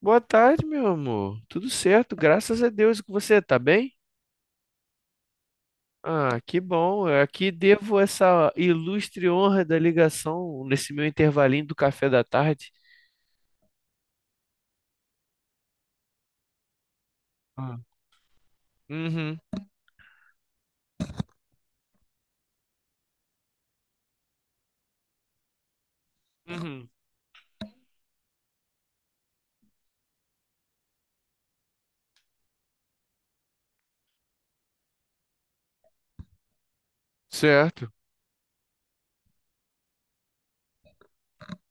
Boa tarde, meu amor. Tudo certo, graças a Deus. E com você tá bem? Ah, que bom. Eu aqui devo essa ilustre honra da ligação nesse meu intervalinho do café da tarde. Ah. Uhum, uhum. Certo.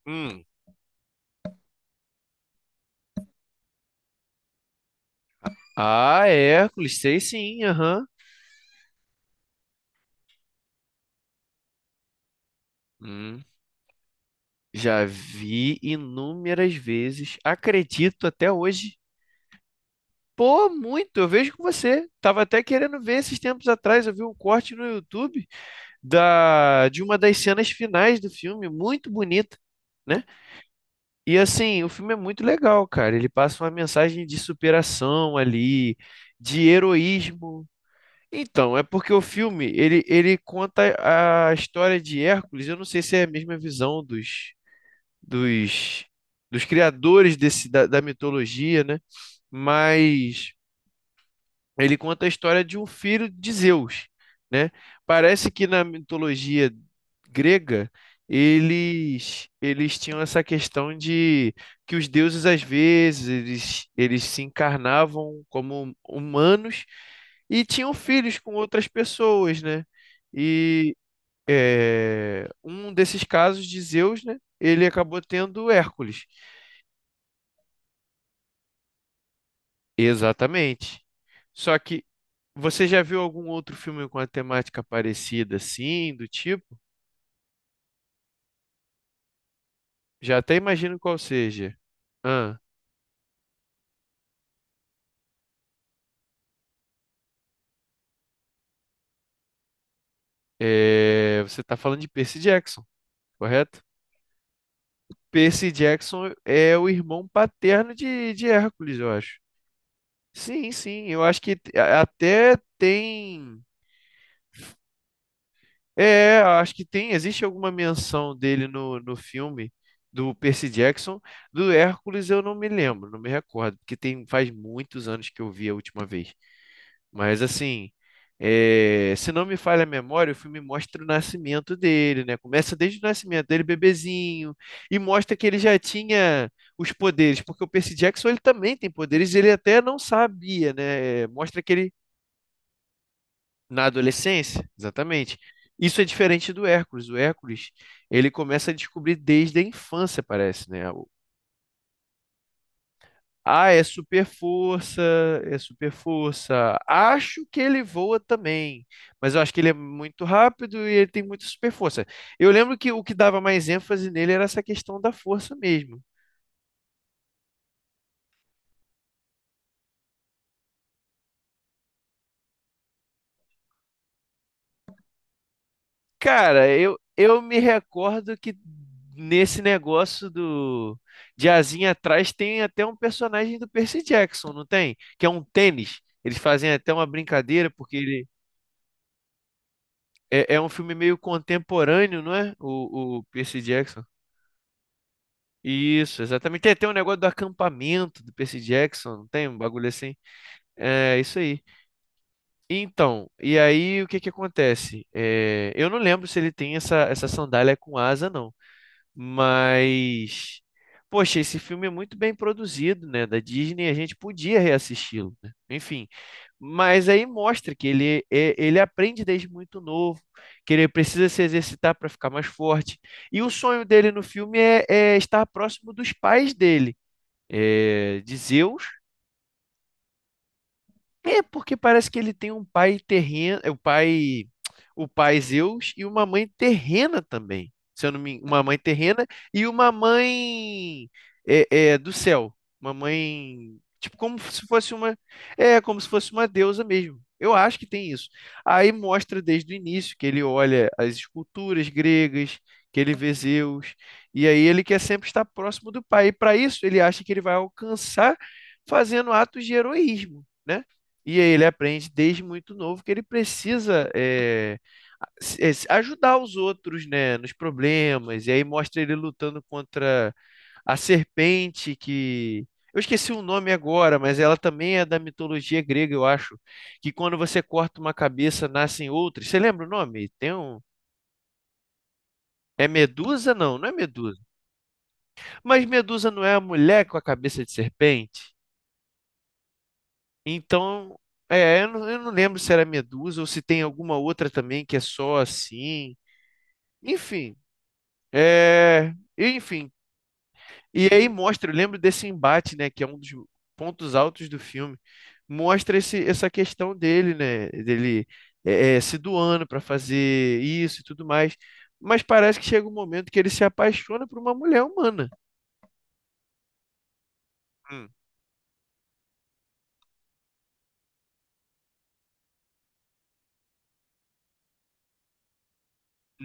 Hum. Ah, é, Hércules, sei sim, aham. Hum. Já vi inúmeras vezes, acredito até hoje. Pô, muito, eu vejo com você. Tava até querendo ver esses tempos atrás, eu vi um corte no YouTube de uma das cenas finais do filme, muito bonita, né? E assim, o filme é muito legal, cara. Ele passa uma mensagem de superação ali, de heroísmo. Então, é porque o filme, ele conta a história de Hércules. Eu não sei se é a mesma visão dos, dos criadores da mitologia, né? Mas ele conta a história de um filho de Zeus, né? Parece que na mitologia grega eles tinham essa questão de que os deuses às vezes eles, eles se encarnavam como humanos e tinham filhos com outras pessoas, né? E é um desses casos de Zeus, né? Ele acabou tendo Hércules. Exatamente. Só que você já viu algum outro filme com a temática parecida, assim, do tipo? Já até imagino qual seja. Ah, é, você está falando de Percy Jackson, correto? Percy Jackson é o irmão paterno de Hércules, eu acho. Sim, sim, eu acho que até tem. É, acho que tem. Existe alguma menção dele no filme do Percy Jackson. Do Hércules eu não me lembro, não me recordo, porque tem, faz muitos anos que eu vi a última vez. Mas assim, se não me falha a memória, o filme mostra o nascimento dele, né? Começa desde o nascimento dele, bebezinho, e mostra que ele já tinha os poderes, porque o Percy Jackson ele também tem poderes, ele até não sabia, né? Mostra que ele na adolescência, exatamente. Isso é diferente do Hércules. O Hércules, ele começa a descobrir desde a infância, parece, né? Ah, é super força, é super força. Acho que ele voa também, mas eu acho que ele é muito rápido e ele tem muita super força. Eu lembro que o que dava mais ênfase nele era essa questão da força mesmo. Cara, eu me recordo que nesse negócio do de asinha atrás tem até um personagem do Percy Jackson, não tem? Que é um tênis. Eles fazem até uma brincadeira porque ele é um filme meio contemporâneo, não é? O Percy Jackson. Isso, exatamente. Tem um negócio do acampamento do Percy Jackson, não tem um bagulho assim? É isso aí. Então, e aí o que que acontece? É, eu não lembro se ele tem essa sandália com asa, não. Mas, poxa, esse filme é muito bem produzido, né? Da Disney, a gente podia reassisti-lo, né? Enfim. Mas aí mostra que ele aprende desde muito novo, que ele precisa se exercitar para ficar mais forte. E o sonho dele no filme é estar próximo dos pais dele, é, de Zeus. É porque parece que ele tem um pai terreno, o pai Zeus e uma mãe terrena também. Se eu não me, Uma mãe terrena e uma mãe, é, do céu, uma mãe tipo como se fosse uma, é como se fosse uma deusa mesmo. Eu acho que tem isso. Aí mostra desde o início que ele olha as esculturas gregas, que ele vê Zeus, e aí ele quer sempre estar próximo do pai. E para isso ele acha que ele vai alcançar fazendo atos de heroísmo, né? E aí ele aprende desde muito novo que ele precisa ajudar os outros, né, nos problemas. E aí mostra ele lutando contra a serpente que eu esqueci o nome agora, mas ela também é da mitologia grega, eu acho, que quando você corta uma cabeça nascem outras. Você lembra o nome? Tem um É Medusa? Não, não é Medusa. Mas Medusa não é a mulher com a cabeça de serpente? Então, eu não lembro se era Medusa ou se tem alguma outra também que é só assim. Enfim, enfim. E aí mostra, eu lembro desse embate, né, que é um dos pontos altos do filme. Mostra essa questão dele, né, dele se doando para fazer isso e tudo mais. Mas parece que chega um momento que ele se apaixona por uma mulher humana. Hum.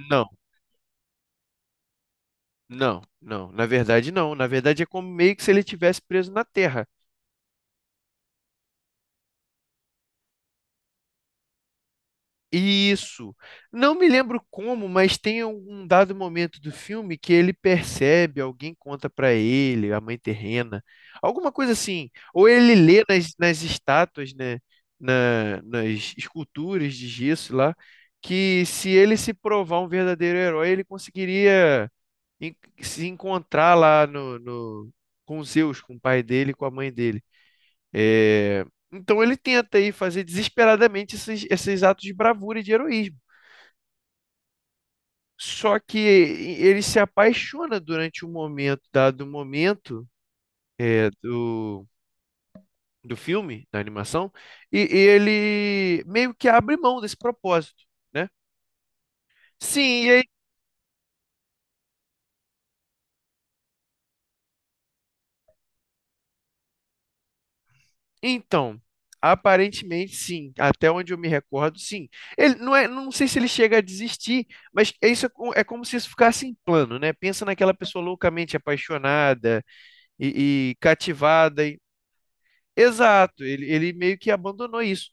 Não, não, não. Na verdade, não. Na verdade, é como meio que se ele tivesse preso na Terra. Isso. Não me lembro como, mas tem um dado momento do filme que ele percebe, alguém conta pra ele, a mãe terrena, alguma coisa assim. Ou ele lê nas estátuas, né, nas esculturas de gesso lá, que se ele se provar um verdadeiro herói, ele conseguiria en- se encontrar lá com Zeus, com o pai dele, e com a mãe dele. É, Então ele tenta aí fazer desesperadamente esses atos de bravura e de heroísmo. Só que ele se apaixona durante o momento, dado o momento é, do, do filme, da animação, e ele meio que abre mão desse propósito, né? Sim, então, aparentemente sim, até onde eu me recordo, sim. Ele não é, não sei se ele chega a desistir, mas é isso, é como se isso ficasse em plano, né? Pensa naquela pessoa loucamente apaixonada e cativada. Exato, ele meio que abandonou isso.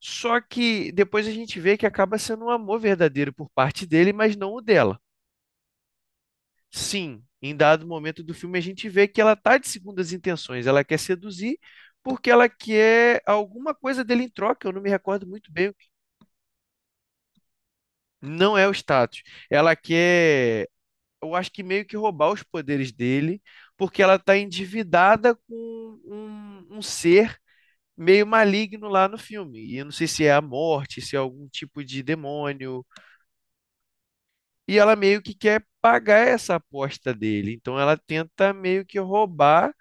Só que depois a gente vê que acaba sendo um amor verdadeiro por parte dele, mas não o dela. Sim, em dado momento do filme a gente vê que ela tá de segundas intenções, ela quer seduzir porque ela quer alguma coisa dele em troca, eu não me recordo muito bem, não é o status. Ela quer, eu acho que meio que roubar os poderes dele, porque ela tá endividada com um ser meio maligno lá no filme. E eu não sei se é a morte, se é algum tipo de demônio, e ela meio que quer pagar essa aposta dele. Então ela tenta meio que roubar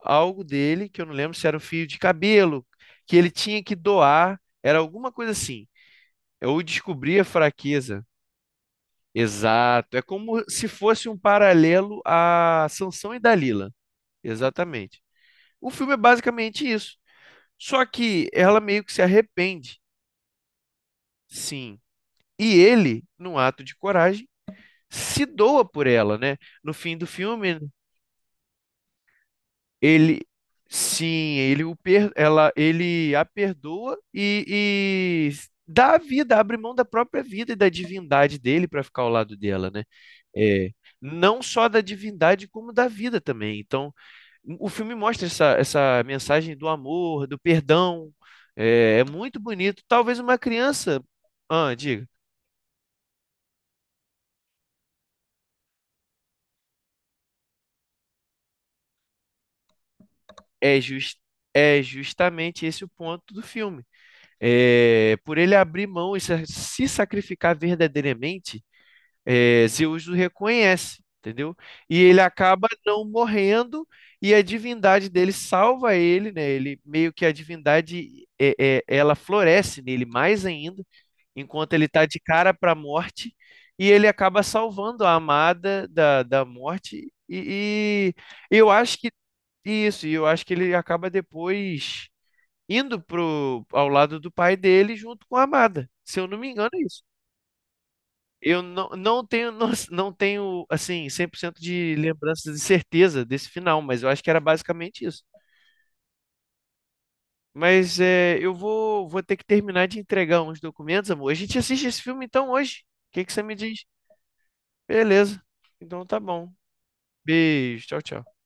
algo dele, que eu não lembro se era um fio de cabelo, que ele tinha que doar, era alguma coisa assim. Eu descobri a fraqueza. Exato. É como se fosse um paralelo a Sansão e Dalila. Exatamente. O filme é basicamente isso. Só que ela meio que se arrepende, sim. E ele, num ato de coragem, se doa por ela, né? No fim do filme, ele, sim, ele a perdoa e dá a vida, abre mão da própria vida e da divindade dele para ficar ao lado dela, né? É, não só da divindade como da vida também. Então, o filme mostra essa mensagem do amor, do perdão. É, é muito bonito. Talvez uma criança, ah, diga, é jus- é justamente esse o ponto do filme. É, por ele abrir mão e se sacrificar verdadeiramente. É, Zeus o reconhece, entendeu? E ele acaba não morrendo e a divindade dele salva ele, né? Ele meio que a divindade ela floresce nele mais ainda, enquanto ele está de cara para a morte e ele acaba salvando a amada da morte e eu acho que isso, e eu acho que ele acaba depois indo ao lado do pai dele junto com a amada. Se eu não me engano, é isso. Eu não, não tenho, não tenho, assim, 100% de lembranças de certeza desse final, mas eu acho que era basicamente isso. Mas eu vou ter que terminar de entregar uns documentos, amor. A gente assiste esse filme então hoje. O que que você me diz? Beleza. Então tá bom. Beijo. Tchau, tchau.